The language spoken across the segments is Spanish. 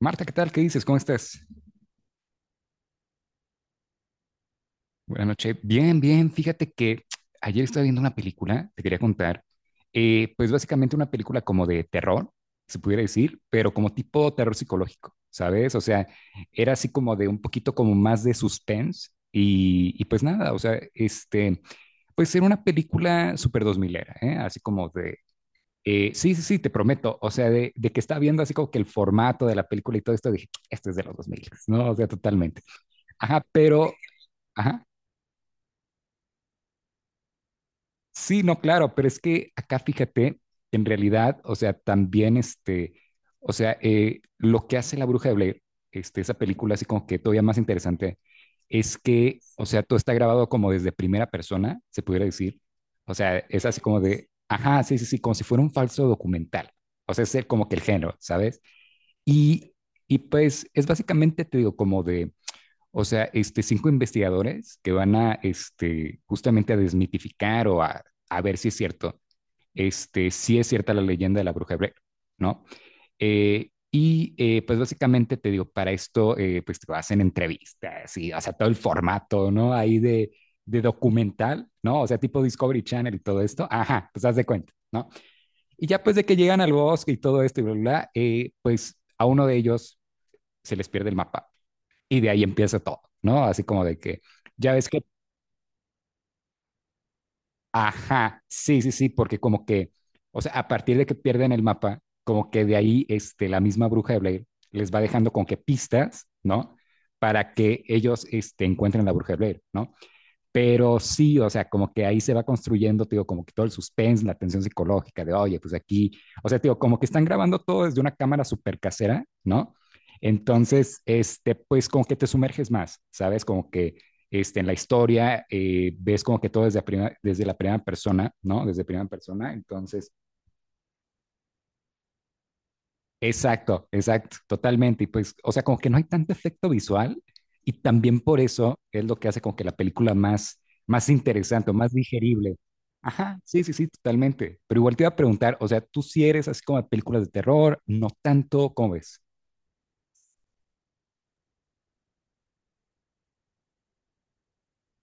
Marta, ¿qué tal? ¿Qué dices? ¿Cómo estás? Buenas noches. Bien, bien. Fíjate que ayer estaba viendo una película, te quería contar. Pues básicamente una película como de terror, se pudiera decir, pero como tipo terror psicológico, ¿sabes? O sea, era así como de un poquito como más de suspense y pues nada, o sea, pues era una película súper dos milera, ¿eh? Así como de. Sí, sí, sí, te prometo. O sea, de que estaba viendo así como que el formato de la película y todo esto, dije, este es de los 2000, ¿no? O sea, totalmente. Ajá, pero, ajá, sí, no, claro, pero es que acá fíjate, en realidad, o sea, también o sea, lo que hace La Bruja de Blair, esa película así como que todavía más interesante, es que, o sea, todo está grabado como desde primera persona, se pudiera decir. O sea, es así como de, ajá, sí, sí, sí, como si fuera un falso documental. O sea, como que el género, ¿sabes? Y, y pues es básicamente, te digo, como de, o sea, cinco investigadores que van a, justamente a desmitificar o a ver si es cierto, si es cierta la leyenda de la bruja hebrea, ¿no? Y pues básicamente te digo, para esto, pues te hacen entrevistas y, o sea, todo el formato, ¿no? Ahí de documental, ¿no? O sea, tipo Discovery Channel y todo esto. Ajá, pues haz de cuenta, ¿no? Y ya pues de que llegan al bosque y todo esto y bla, bla, bla, pues a uno de ellos se les pierde el mapa. Y de ahí empieza todo, ¿no? Así como de que, ya ves que, ajá, sí, sí, sí, porque como que, o sea, a partir de que pierden el mapa, como que de ahí la misma bruja de Blair les va dejando con que pistas, ¿no? Para que ellos encuentren la bruja de Blair, ¿no? Pero sí, o sea, como que ahí se va construyendo, te digo, como que todo el suspense, la tensión psicológica de, oye, pues aquí, o sea, te digo, como que están grabando todo desde una cámara súper casera, ¿no? Entonces, pues como que te sumerges más, ¿sabes? Como que en la historia, ves como que todo desde, desde la primera persona, ¿no? Desde primera persona, entonces. Exacto, exacto, totalmente. Y pues, o sea, como que no hay tanto efecto visual y también por eso es lo que hace como que la película más interesante o más digerible. Ajá, sí, sí, sí, totalmente. Pero igual te iba a preguntar, o sea, tú si eres así como de películas de terror, no tanto, ¿cómo ves?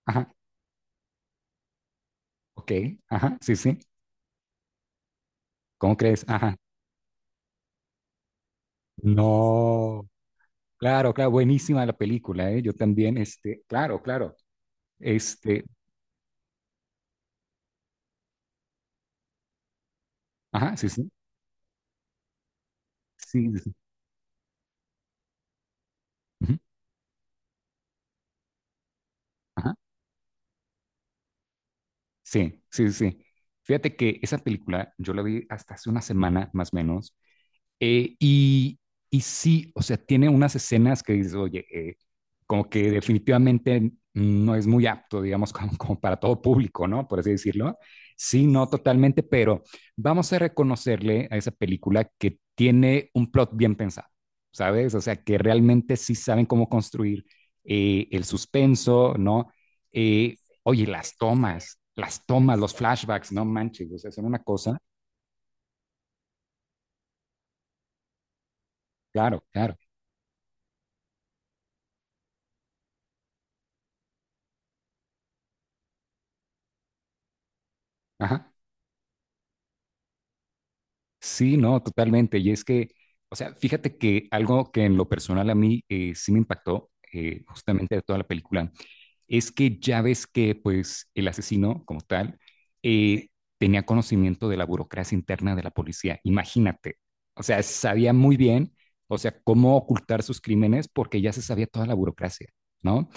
Ajá, ok, ajá, sí, sí, ¿cómo crees? Ajá, no, claro, claro, buenísima la película, ¿eh? Yo también, claro, claro, este, ajá, sí, sí, sí, sí, sí, ujú, ajá. Sí, sí, sí. Fíjate que esa película yo la vi hasta hace una semana más o menos, eh, y, y sí, o sea, tiene unas escenas que dices, oye, como que definitivamente no es muy apto, digamos, para todo público, ¿no? Por así decirlo. Sí, no totalmente, pero vamos a reconocerle a esa película que tiene un plot bien pensado, ¿sabes? O sea, que realmente sí saben cómo construir, el suspenso, ¿no? Oye, las tomas, los flashbacks, no manches, o sea, son una cosa, claro, claro. Ajá. Sí, no, totalmente. Y es que, o sea, fíjate que algo que en lo personal a mí, sí me impactó, justamente de toda la película es que ya ves que pues el asesino como tal, eh, tenía conocimiento de la burocracia interna de la policía. Imagínate, o sea, sabía muy bien, o sea, cómo ocultar sus crímenes porque ya se sabía toda la burocracia, ¿no?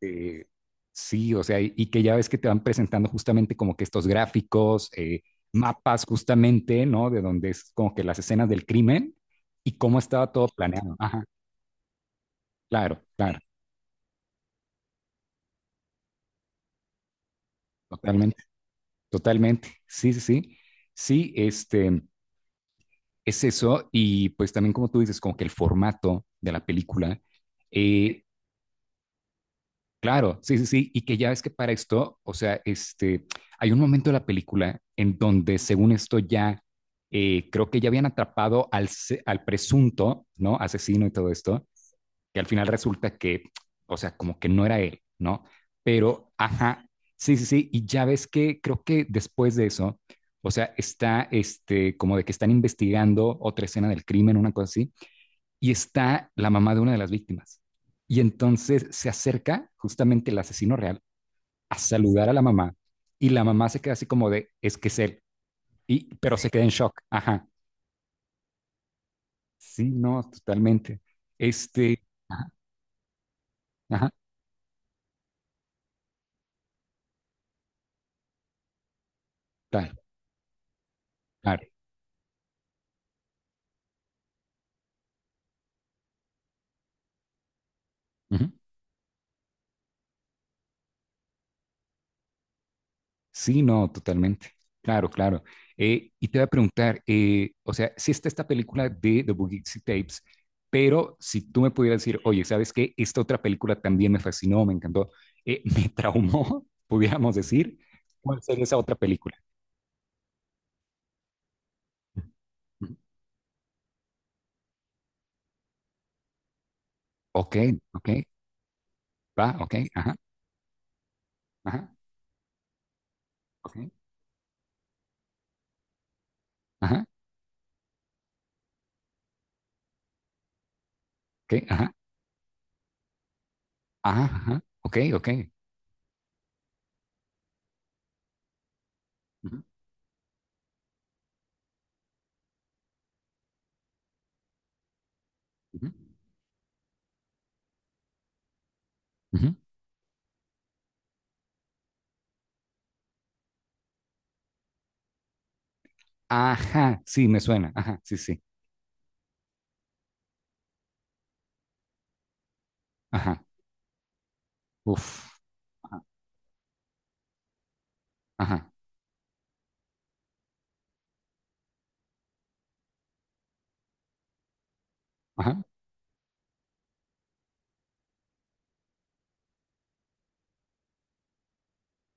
Eh, sí, o sea, y que ya ves que te van presentando justamente como que estos gráficos, mapas justamente, ¿no? De donde es como que las escenas del crimen y cómo estaba todo planeado. Ajá, claro, claro, totalmente, totalmente. Sí, sí, sí. Sí, es eso. Y pues también como tú dices, como que el formato de la película, eh, claro, sí, sí, sí. Y que ya ves que para esto, o sea, hay un momento de la película en donde, según esto, ya, creo que ya habían atrapado al presunto, ¿no? Asesino y todo esto, que al final resulta que, o sea, como que no era él, ¿no? Pero, ajá, sí, sí, sí. Y ya ves que creo que después de eso, o sea, está, como de que están investigando otra escena del crimen, una cosa así, y está la mamá de una de las víctimas. Y entonces se acerca justamente el asesino real a saludar a la mamá y la mamá se queda así como de, es que es él, pero se queda en shock. Ajá, sí, no, totalmente. Este, ajá, ajá, claro, claro. Ujú. Sí, no, totalmente. Claro, claro. Y te voy a preguntar, o sea, si está esta película de The Bugixi Tapes, pero si tú me pudieras decir, oye, ¿sabes qué? Esta otra película también me fascinó, me encantó, me traumó, pudiéramos decir, ¿cuál sería esa otra película? Ujú. Ok, ok, va, ok, ajá, ajá, ok, ajá, ok, ajá, ajá, ajá, ok, ok. Ujú, ujú, ujú. Ajá, sí, me suena, ajá, sí, sí, ajá, uf, ajá, ajá, ajá,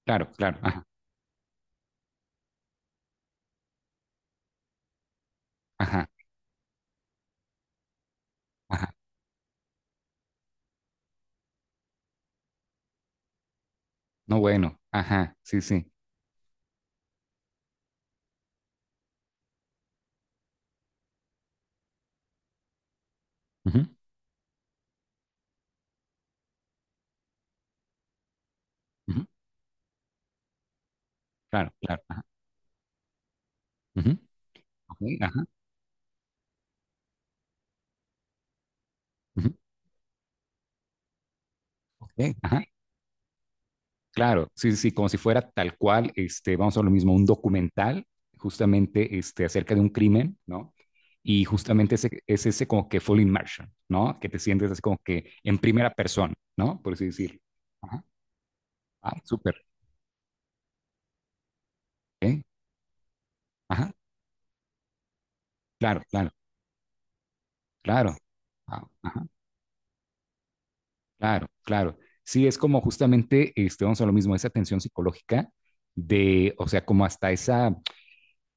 claro, claro, ajá, ajá, ajá. No, bueno, ajá, sí, sí. Ujú, ujú, claro, claro, ajá. Ujú, ok, ajá, ujú, ok, ajá, claro, sí, sí, sí, como si fuera tal cual, vamos a lo mismo, un documental justamente, acerca de un crimen, ¿no? Y justamente es ese como que full immersion, ¿no? Que te sientes así como que en primera persona, ¿no? Por así decirlo. Ajá, ah, súper, ok, ajá, claro, claro, claro. Ah, ajá. Claro, claro. Sí, es como justamente, vamos a lo mismo, esa tensión psicológica de, o sea, como hasta esa,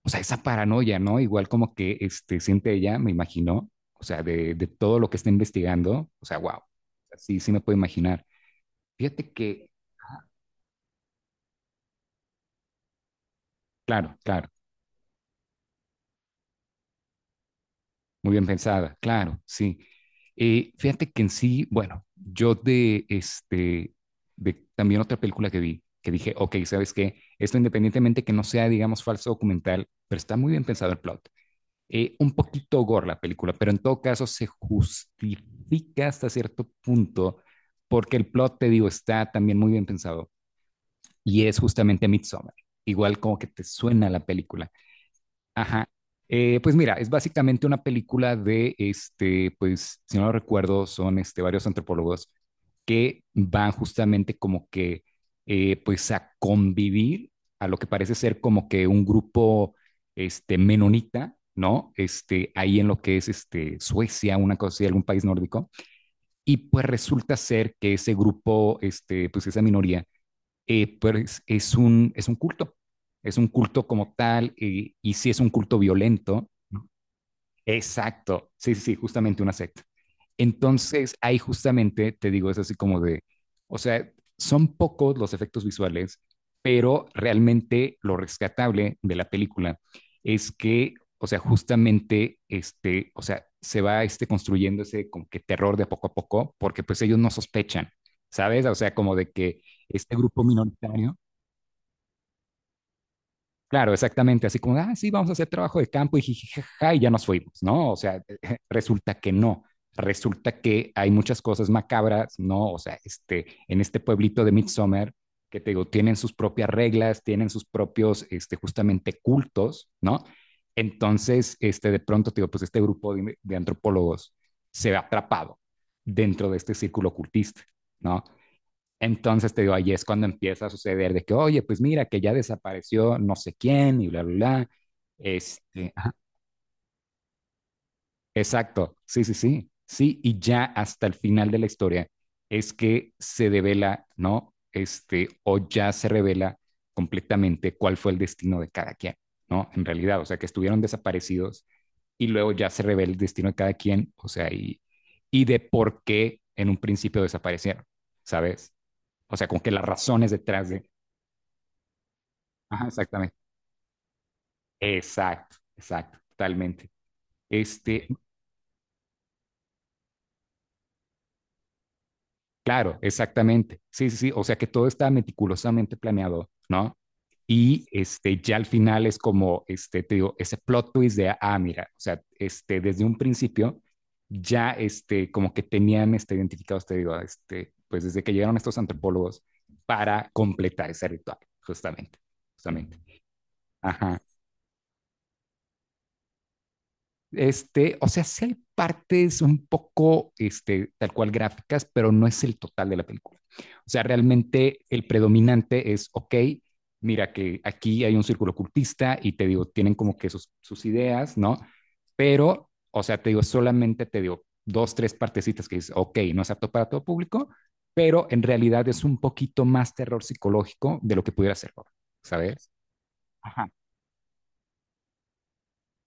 o sea, esa paranoia, ¿no? Igual como que siente ella, me imagino, o sea, de todo lo que está investigando, o sea, wow, sí, sí me puedo imaginar. Fíjate que, ah, claro, claro. Muy bien pensada, claro, sí. Fíjate que en sí, bueno, yo de también otra película que vi, que dije, ok, ¿sabes qué? Esto independientemente que no sea, digamos, falso documental, pero está muy bien pensado el plot. Un poquito gore la película, pero en todo caso se justifica hasta cierto punto porque el plot, te digo, está también muy bien pensado y es justamente Midsommar. Igual como que te suena la película. Ajá. Pues mira, es básicamente una película de, pues, si no lo recuerdo, son varios antropólogos que van justamente como que, pues, a convivir a lo que parece ser como que un grupo, menonita, ¿no? Ahí en lo que es, Suecia, una cosa así, algún país nórdico. Y pues resulta ser que ese grupo, pues, esa minoría, pues es un culto, es un culto como tal, y si es un culto violento, exacto, sí, sí, sí, justamente una secta. Entonces, ahí justamente te digo, es así como de, o sea, son pocos los efectos visuales, pero realmente lo rescatable de la película es que, o sea, justamente, o sea, se va construyendo ese como que terror de poco a poco, porque pues ellos no sospechan, ¿sabes? O sea, como de que este grupo minoritario. Claro, exactamente, así como, ah, sí, vamos a hacer trabajo de campo y jijijaja, y ya nos fuimos, ¿no? O sea, resulta que no, resulta que hay muchas cosas macabras, ¿no? O sea, en este pueblito de Midsommar, que te digo, tienen sus propias reglas, tienen sus propios, justamente cultos, ¿no? Entonces, de pronto, te digo, pues este grupo de antropólogos se ve atrapado dentro de este círculo cultista, ¿no? Entonces te digo, ahí es cuando empieza a suceder de que, oye, pues mira, que ya desapareció no sé quién y bla, bla, bla. Ajá, exacto, sí, sí, sí, sí, y ya hasta el final de la historia es que se devela, ¿no? O ya se revela completamente cuál fue el destino de cada quien, ¿no? En realidad, o sea, que estuvieron desaparecidos y luego ya se revela el destino de cada quien, o sea, y de por qué en un principio desaparecieron, ¿sabes? O sea, como que las razones detrás de. Ajá, exactamente. Exacto, exacto, totalmente. Este, claro, exactamente. Sí, sí, sí. O sea que todo está meticulosamente planeado, ¿no? Y ya al final es como, te digo, ese plot twist de, ah, mira, o sea, desde un principio ya, como que tenían, identificados, te digo, pues desde que llegaron estos antropólogos para completar ese ritual, justamente, justamente. Ajá. O sea, sí hay partes un poco, tal cual gráficas, pero no es el total de la película. O sea, realmente el predominante es, ok, mira que aquí hay un círculo ocultista y te digo, tienen como que sus ideas, ¿no? Pero, o sea, te digo, solamente te digo dos, tres partecitas que dices, ok, no es apto para todo público, pero en realidad es un poquito más terror psicológico de lo que pudiera ser, horror, ¿sabes? Ajá.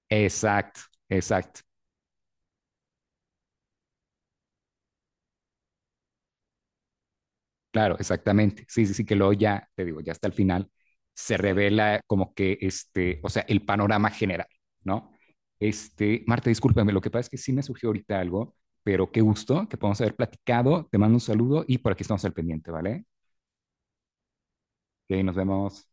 Exacto, exacto. Claro, exactamente. Sí, sí, sí, que luego ya, te digo, ya hasta el final se revela como que o sea, el panorama general, ¿no? Marta, discúlpame, lo que pasa es que sí me surgió ahorita algo, pero qué gusto que podamos haber platicado. Te mando un saludo y por aquí estamos al pendiente, ¿vale? Que nos vemos.